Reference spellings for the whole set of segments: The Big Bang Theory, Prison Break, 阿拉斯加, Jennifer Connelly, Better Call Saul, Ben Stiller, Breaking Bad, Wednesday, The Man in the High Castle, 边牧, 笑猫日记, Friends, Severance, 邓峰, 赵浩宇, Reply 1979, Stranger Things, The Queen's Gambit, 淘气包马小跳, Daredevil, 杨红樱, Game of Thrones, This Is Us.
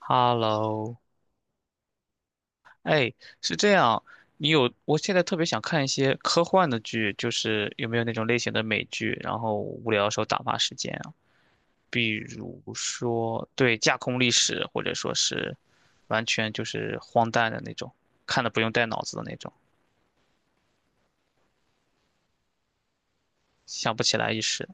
Hello，哎，是这样，你有，我现在特别想看一些科幻的剧，就是有没有那种类型的美剧，然后无聊的时候打发时间啊，比如说，对，架空历史，或者说是完全就是荒诞的那种，看的不用带脑子的那种，想不起来一时。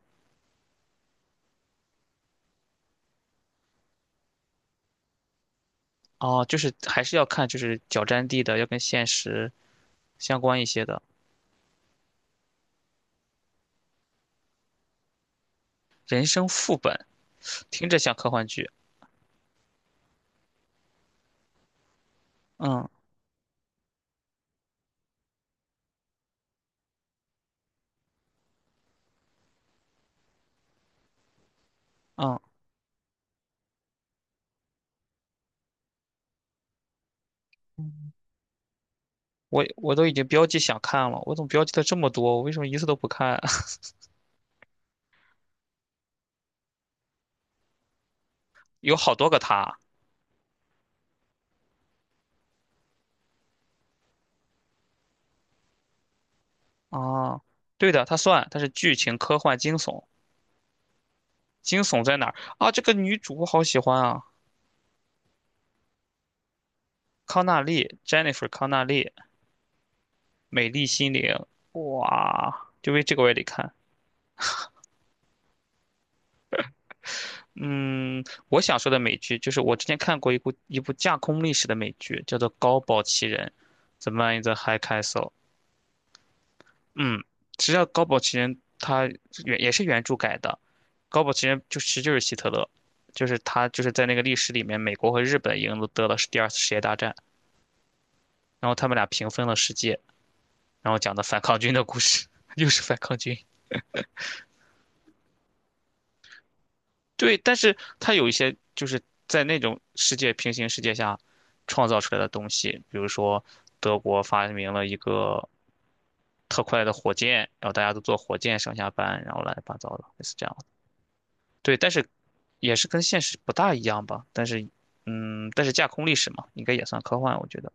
哦，就是还是要看，就是脚沾地的，要跟现实相关一些的，人生副本，听着像科幻剧，嗯嗯。我都已经标记想看了，我怎么标记的这么多？我为什么一次都不看？有好多个他啊，对的，他算，他是剧情、科幻、惊悚。惊悚在哪儿啊？这个女主我好喜欢啊，康纳利，Jennifer 康纳利，美丽心灵，哇，就为这个我也得看。嗯，我想说的美剧就是我之前看过一部架空历史的美剧，叫做《高堡奇人》，《怎么样？嗯，实际上《高堡奇人》他原也是原著改的，《高堡奇人》就其实就是希特勒，就是他就是在那个历史里面，美国和日本赢了得了第二次世界大战，然后他们俩平分了世界，然后讲的反抗军的故事，又是反抗军。对，但是他有一些就是在那种世界平行世界下创造出来的东西，比如说德国发明了一个特快的火箭，然后大家都坐火箭上下班，然后乱七八糟的，类似这样。对，但是也是跟现实不大一样吧。但是架空历史嘛，应该也算科幻，我觉得。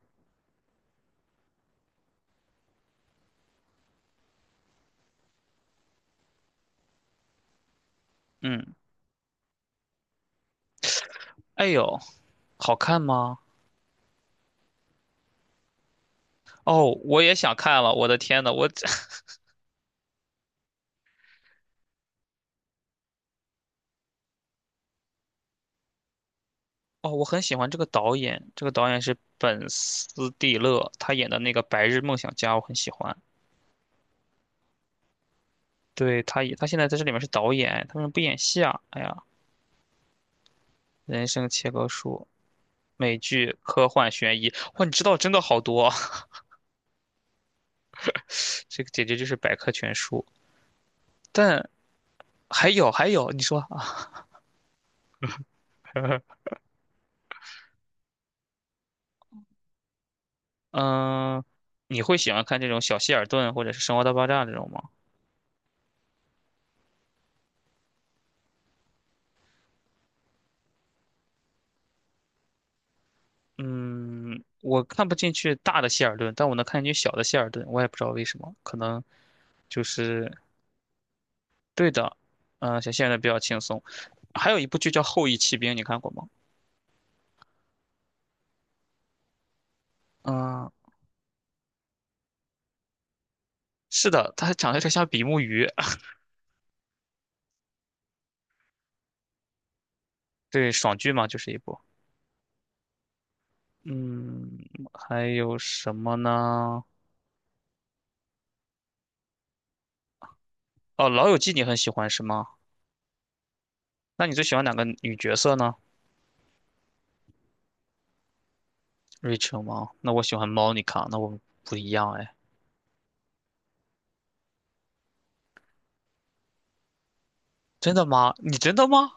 嗯，哎呦，好看吗？哦，我也想看了，我的天呐，我这 哦，我很喜欢这个导演，这个导演是本斯蒂勒，他演的那个《白日梦想家》，我很喜欢。对，他也，他现在在这里面是导演，他为什么不演戏啊？哎呀，人生切割术，美剧、科幻、悬疑，哇，你知道真的好多啊，这个简直就是百科全书。但还有还有，你说。嗯，你会喜欢看这种小希尔顿或者是《生活大爆炸》这种吗？嗯，我看不进去大的希尔顿，但我能看进去小的希尔顿，我也不知道为什么，可能就是对的。嗯，小希尔顿比较轻松。还有一部剧叫《后翼骑兵》，你看过吗？嗯，是的，它长得有点像比目鱼。对，爽剧嘛，就是一部。嗯，还有什么呢？哦，《老友记》你很喜欢是吗？那你最喜欢哪个女角色呢？Rachel 吗？那我喜欢 Monica,那我们不一样哎。真的吗？你真的吗？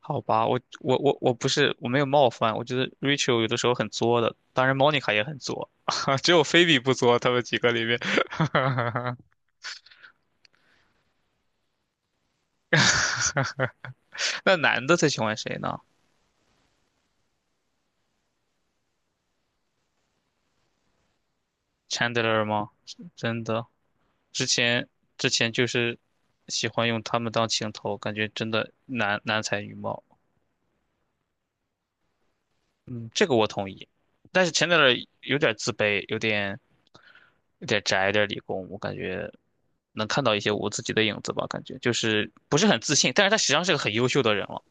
好吧，我我我我不是我没有冒犯，我觉得 Rachel 有的时候很作的，当然 Monica 也很作，只有菲比不作，他们几个里面。那男的最喜欢谁呢？Chandler 吗？真的，之前之前就是喜欢用他们当情头，感觉真的男男才女貌。嗯，这个我同意，但是前点儿有点自卑，有点宅，有点理工，我感觉能看到一些我自己的影子吧，感觉就是不是很自信，但是他实际上是个很优秀的人了。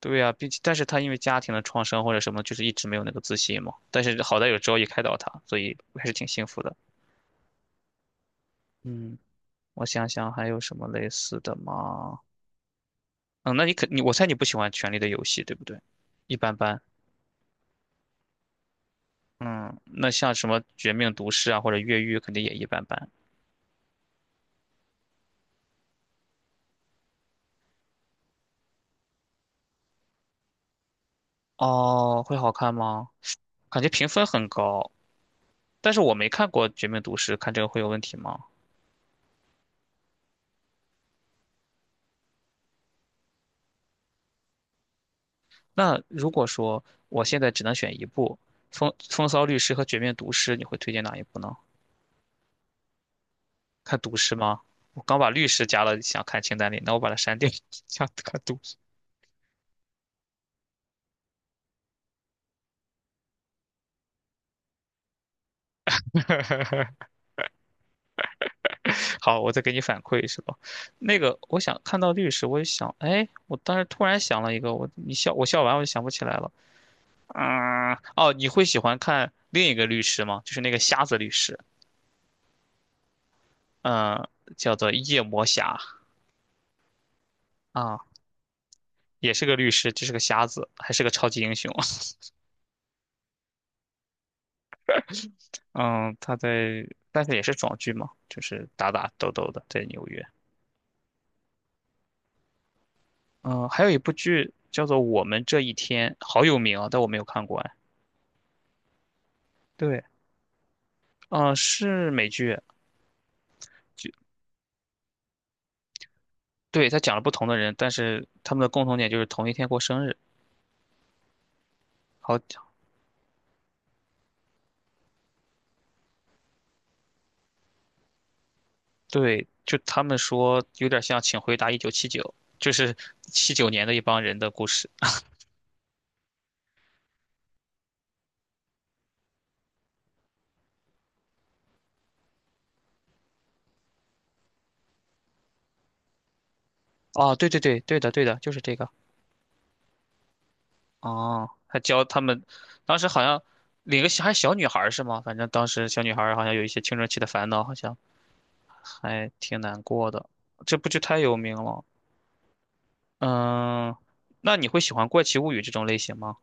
对呀、并且但是他因为家庭的创伤或者什么，就是一直没有那个自信嘛。但是好在有周易开导他，所以我还是挺幸福的。嗯，我想想还有什么类似的吗？嗯，那你肯你我猜你不喜欢《权力的游戏》，对不对？一般般。嗯，那像什么《绝命毒师》啊，或者《越狱》，肯定也一般般。哦，会好看吗？感觉评分很高，但是我没看过《绝命毒师》，看这个会有问题吗？那如果说我现在只能选一部，《风骚律师》和《绝命毒师》，你会推荐哪一部呢？看毒师吗？我刚把律师加了，想看清单里，那我把它删掉，想看毒师。好，我再给你反馈是吧？那个，我想看到律师，我就想，哎，我当时突然想了一个，我你笑，我笑完我就想不起来了。嗯，哦，你会喜欢看另一个律师吗？就是那个瞎子律师，嗯，叫做夜魔侠啊，也是个律师，这是个瞎子，还是个超级英雄。嗯，他在，但是也是爽剧嘛，就是打打斗斗的，在纽约。嗯，还有一部剧叫做《我们这一天》，好有名啊，但我没有看过哎。对，嗯，是美剧，对，他讲了不同的人，但是他们的共同点就是同一天过生日，好对，就他们说有点像《请回答1979》，就是79年的一帮人的故事。哦，对对对，对的对的，就是这个。哦，还教他们，当时好像领个小女孩儿是吗？反正当时小女孩儿好像有一些青春期的烦恼，好像还挺难过的。这部剧太有名了。嗯，那你会喜欢《怪奇物语》这种类型吗？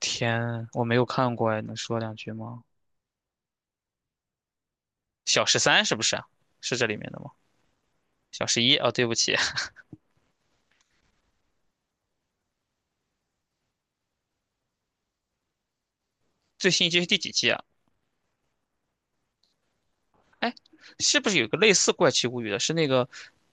天，我没有看过哎，能说两句吗？小十三是不是啊？是这里面的吗？小十一哦，对不起，最新一季是第几季啊？哎，是不是有个类似《怪奇物语》的？是那个，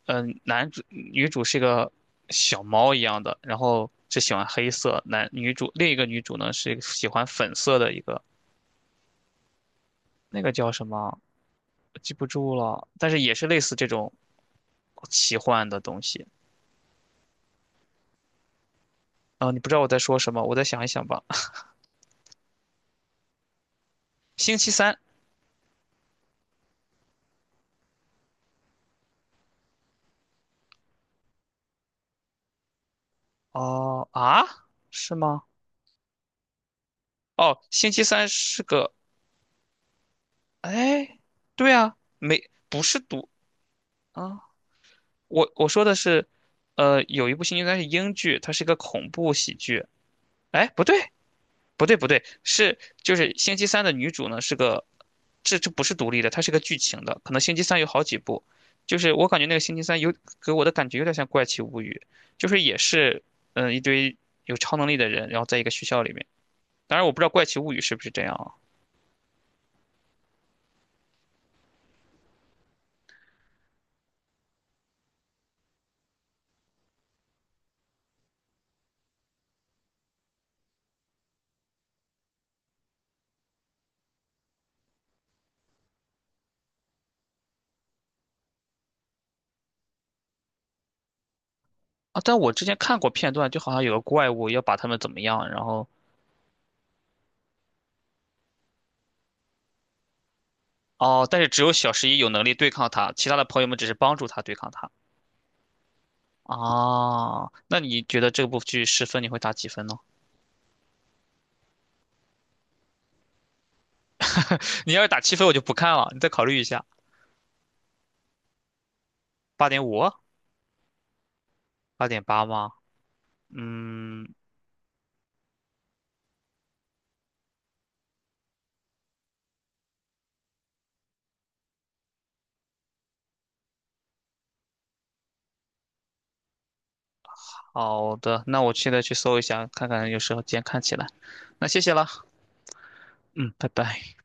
嗯、男主女主是个小猫一样的，然后只喜欢黑色。男女主另一个女主呢是一个喜欢粉色的一个，那个叫什么？我记不住了，但是也是类似这种奇幻的东西。啊、你不知道我在说什么，我再想一想吧。星期三，哦啊，是吗？哦，星期三是个，哎，对啊，没，不是毒啊。我说的是，有一部星期三》应该是英剧，它是一个恐怖喜剧。哎，不对，不对，不对，就是星期三的女主呢是个，这不是独立的，它是个剧情的，可能星期三有好几部。就是我感觉那个星期三给我的感觉有点像《怪奇物语》，就是也是一堆有超能力的人，然后在一个学校里面。当然我不知道《怪奇物语》是不是这样啊，啊但我之前看过片段，就好像有个怪物要把他们怎么样，然后哦，但是只有小十一有能力对抗他，其他的朋友们只是帮助他对抗他。哦，那你觉得这部剧10分你会打几分呢？你要是打7分，我就不看了，你再考虑一下，8.5、8.8吗？嗯，好的，那我现在去搜一下，看看有时候间看起来。那谢谢了，嗯，拜拜。